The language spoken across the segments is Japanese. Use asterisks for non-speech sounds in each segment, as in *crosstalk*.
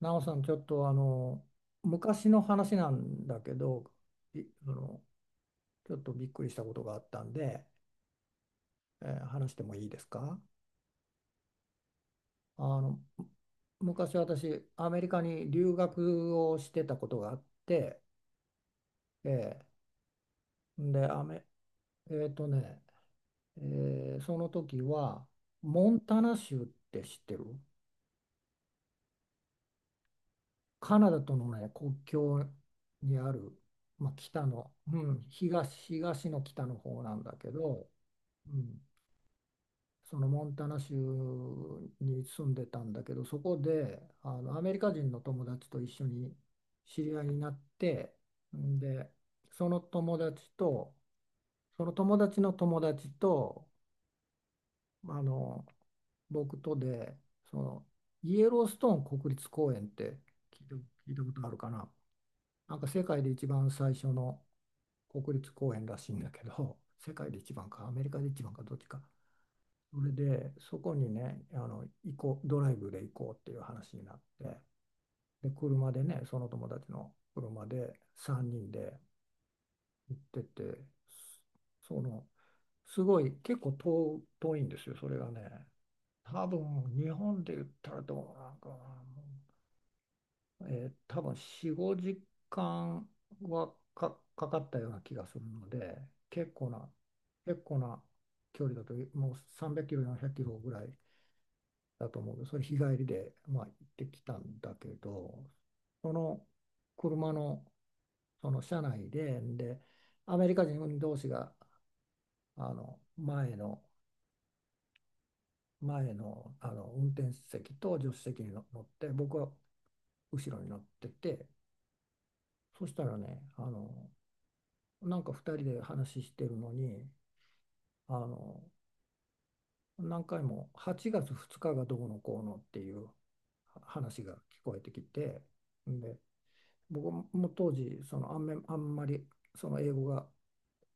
なおさん、ちょっと昔の話なんだけど、いあのちょっとびっくりしたことがあったんで、話してもいいですか？あの昔私、アメリカに留学をしてたことがあって、えーで、アメ、えーとね、えーその時は、モンタナ州って知ってる？カナダとの、ね、国境にある、まあ、北の、うん、東の北の方なんだけど、うん。そのモンタナ州に住んでたんだけど、そこでアメリカ人の友達と一緒に知り合いになって、んでその友達とその友達の友達とあの僕とで、そのイエローストーン国立公園って聞いたことあるかな？なんか世界で一番最初の国立公園らしいんだけど、世界で一番かアメリカで一番かどっちか。それで、そこにね、あの、行こう、ドライブで行こうっていう話になって、で、車でね、その友達の車で3人で行ってて、その、すごい、結構遠いんですよ、それがね。多分、日本で言ったらどうなんかな、もう多分4、5時間はかかったような気がするので、結構な、結構な距離だと、もう300キロ、400キロぐらいだと思うけど、それ日帰りで、まあ、行ってきたんだけど、その車の、その車内で、アメリカ人同士があの前の、前の、運転席と助手席に乗って、僕は後ろに乗ってて、そしたらね、なんか二人で話してるのに、あの何回も8月2日がどうのこうのっていう話が聞こえてきて、で、僕も当時そのあんめ、あんまり英語が、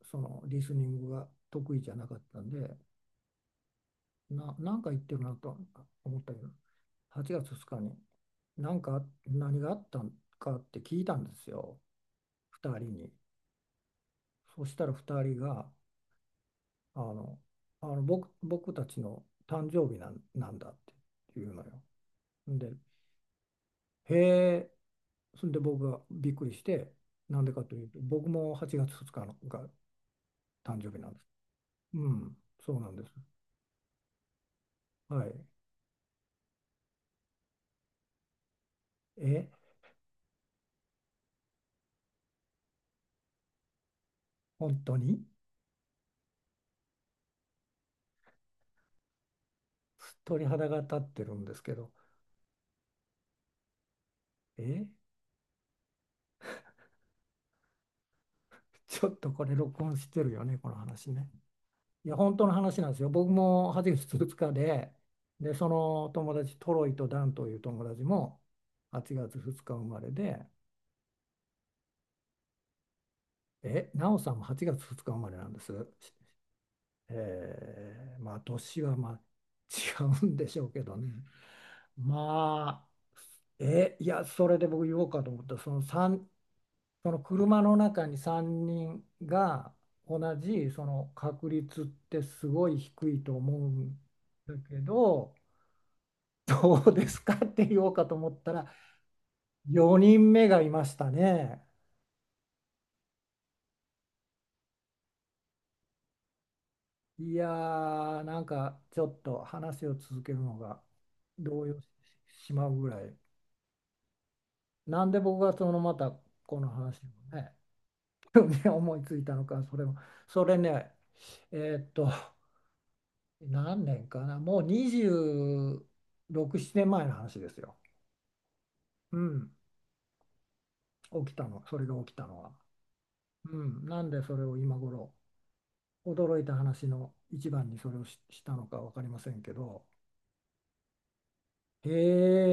そのリスニングが得意じゃなかったんで、なんか言ってるなと思ったけど、8月2日に何があったんかって聞いたんですよ、2人に。そしたら2人があの僕たちの誕生日なんだって言うのよ。で、へえ、それで僕がびっくりして、なんでかというと、僕も8月2日のが誕生日なんです。うん、そうなんです。はい。え、本当に鳥肌が立ってるんですけど、え、ちょっとこれ録音してるよね、この話ね。いや、本当の話なんですよ。僕も8月2日で、その友達、トロイとダンという友達も8月2日生まれで、え、ナオさんも8月2日生まれなんです。まあ、年はまあ違うんでしょうけどね。まあ、え、いや、それで僕言おうかと思った、その3、その車の中に3人が同じその確率ってすごい低いと思うんだけど、どうですかって言おうかと思ったら4人目がいましたね。いやー、なんかちょっと話を続けるのが動揺してしまうぐらい。なんで僕がまたこの話をね、 *laughs* 思いついたのか、それもそれね、えーっと何年かな、もう26、7年前の話ですよ。うん、起きたの、それが起きたのは。うん、なんでそれを今頃、驚いた話の一番にそれをしたのか分かりませんけど、へ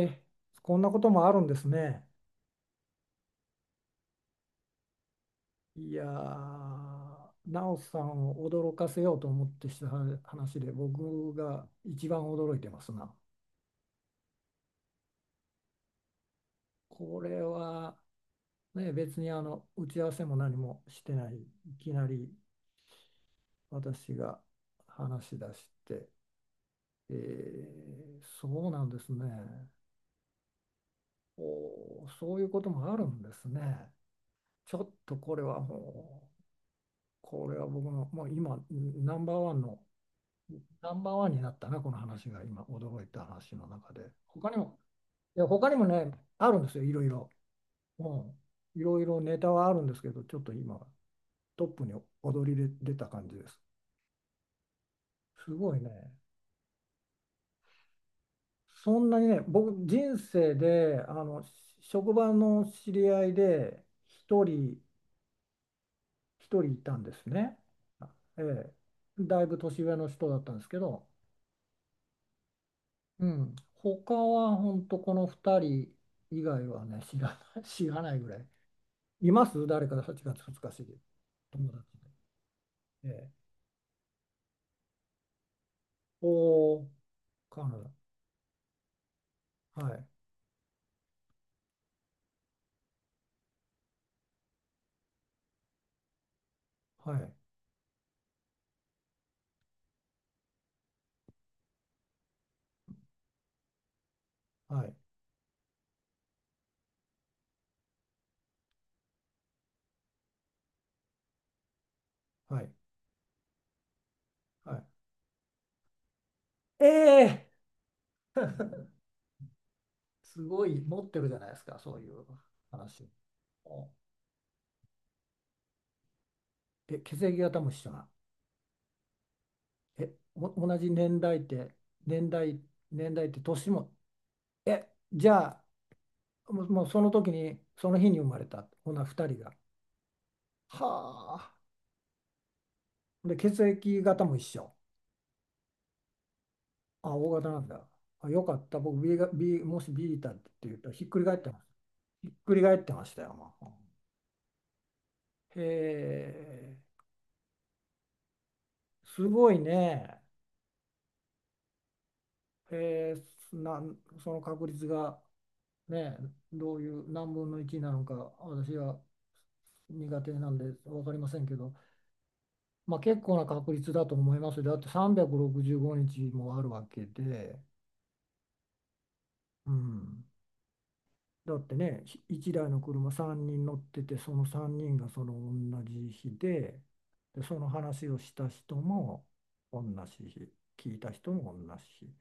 え、こんなこともあるんですね。いやー、ナオさんを驚かせようと思ってした話で、僕が一番驚いてますな。これは、ね、別に打ち合わせも何もしてない、いきなり。私が話し出して、えーそうなんですね。おー、そういうこともあるんですね。ちょっとこれはもう、これは僕の、もう今、ナンバーワンの、ナンバーワンになったな、この話が今、驚いた話の中で。他にも、他にもね、あるんですよ、いろいろ。うん。いろいろネタはあるんですけど、ちょっと今、トップに躍り出た感じです。すごいね。そんなにね、僕、人生で、職場の知り合いで、一人いたんですね。ええ、だいぶ年上の人だったんですけど、うん、他は本当この二人以外はね、知らない、*laughs* 知らないぐらい。います誰か8月2日過ぎ、友達で。ええ、おー、彼女。はい、はい、はい、はい、はい。ええ、すごい持ってるじゃないですか、そういう話。え、血液型も一緒な。え、同じ年代って、年代、年代って年も。え、じゃあ、もうその時に、その日に生まれた、こんな2人が。はあ。で、血液型も一緒。あ、O 型なんだ。あ、よかった。僕 B が、B、もし B だって言うと、ひっくり返ってます。ひっくり返ってましたよ。もう、へえ、すごいね。へえ、なん、その確率が。ね、どういう何分の1なのか、私は苦手なんで分かりませんけど、まあ、結構な確率だと思いますよ。だって365日もあるわけで、うん、だってね、1台の車3人乗ってて、その3人が同じ日で、で、その話をした人も同じ日、聞いた人も同じ日。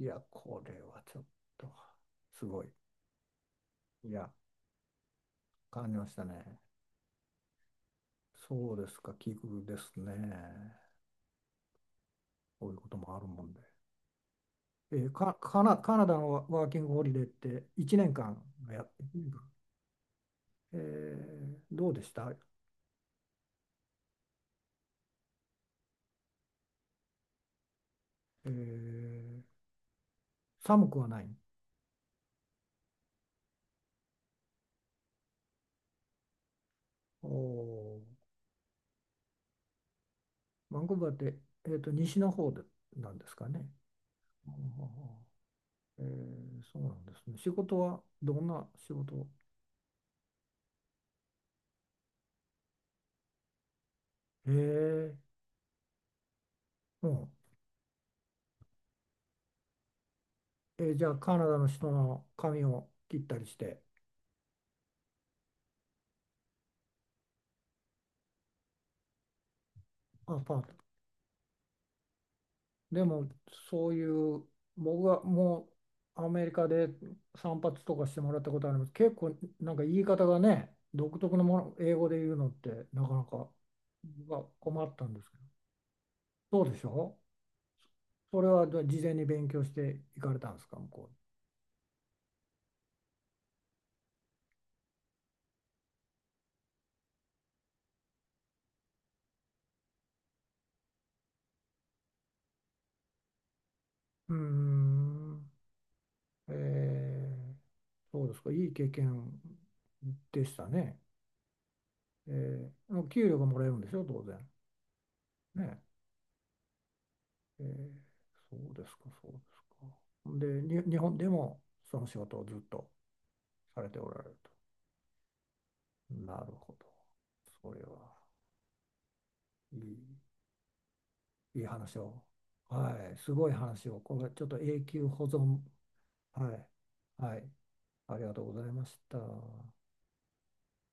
いや、これはちょっとすごい。いや、感じましたね。そうですか、奇遇ですね。こういうこともあるもんで。カナダのワーキングホリデーって1年間のや、えどうでした？えー寒くはない。おお、バンクーバーって、西の方でなんですかね。おー、そうなんですね。仕事はどんな仕事？えー、うん。じゃあ、カナダの人の髪を切ったりして、あ、パート、でも、そういう、僕はもうアメリカで散髪とかしてもらったことあります。結構、なんか言い方がね、独特のもの、英語で言うのってなかなか僕は困ったんですけど。そうでしょ？それはじゃあ事前に勉強していかれたんですか、向こうに？うーん、そうですか、いい経験でしたね。給料がもらえるんでしょ、当然。ね。えーそうですか、そうですか。で、日本でもその仕事をずっとされておられると。なるほど。それはいい、いい話を。はい、すごい話を。これちょっと永久保存。はい、はい、ありがとうございました。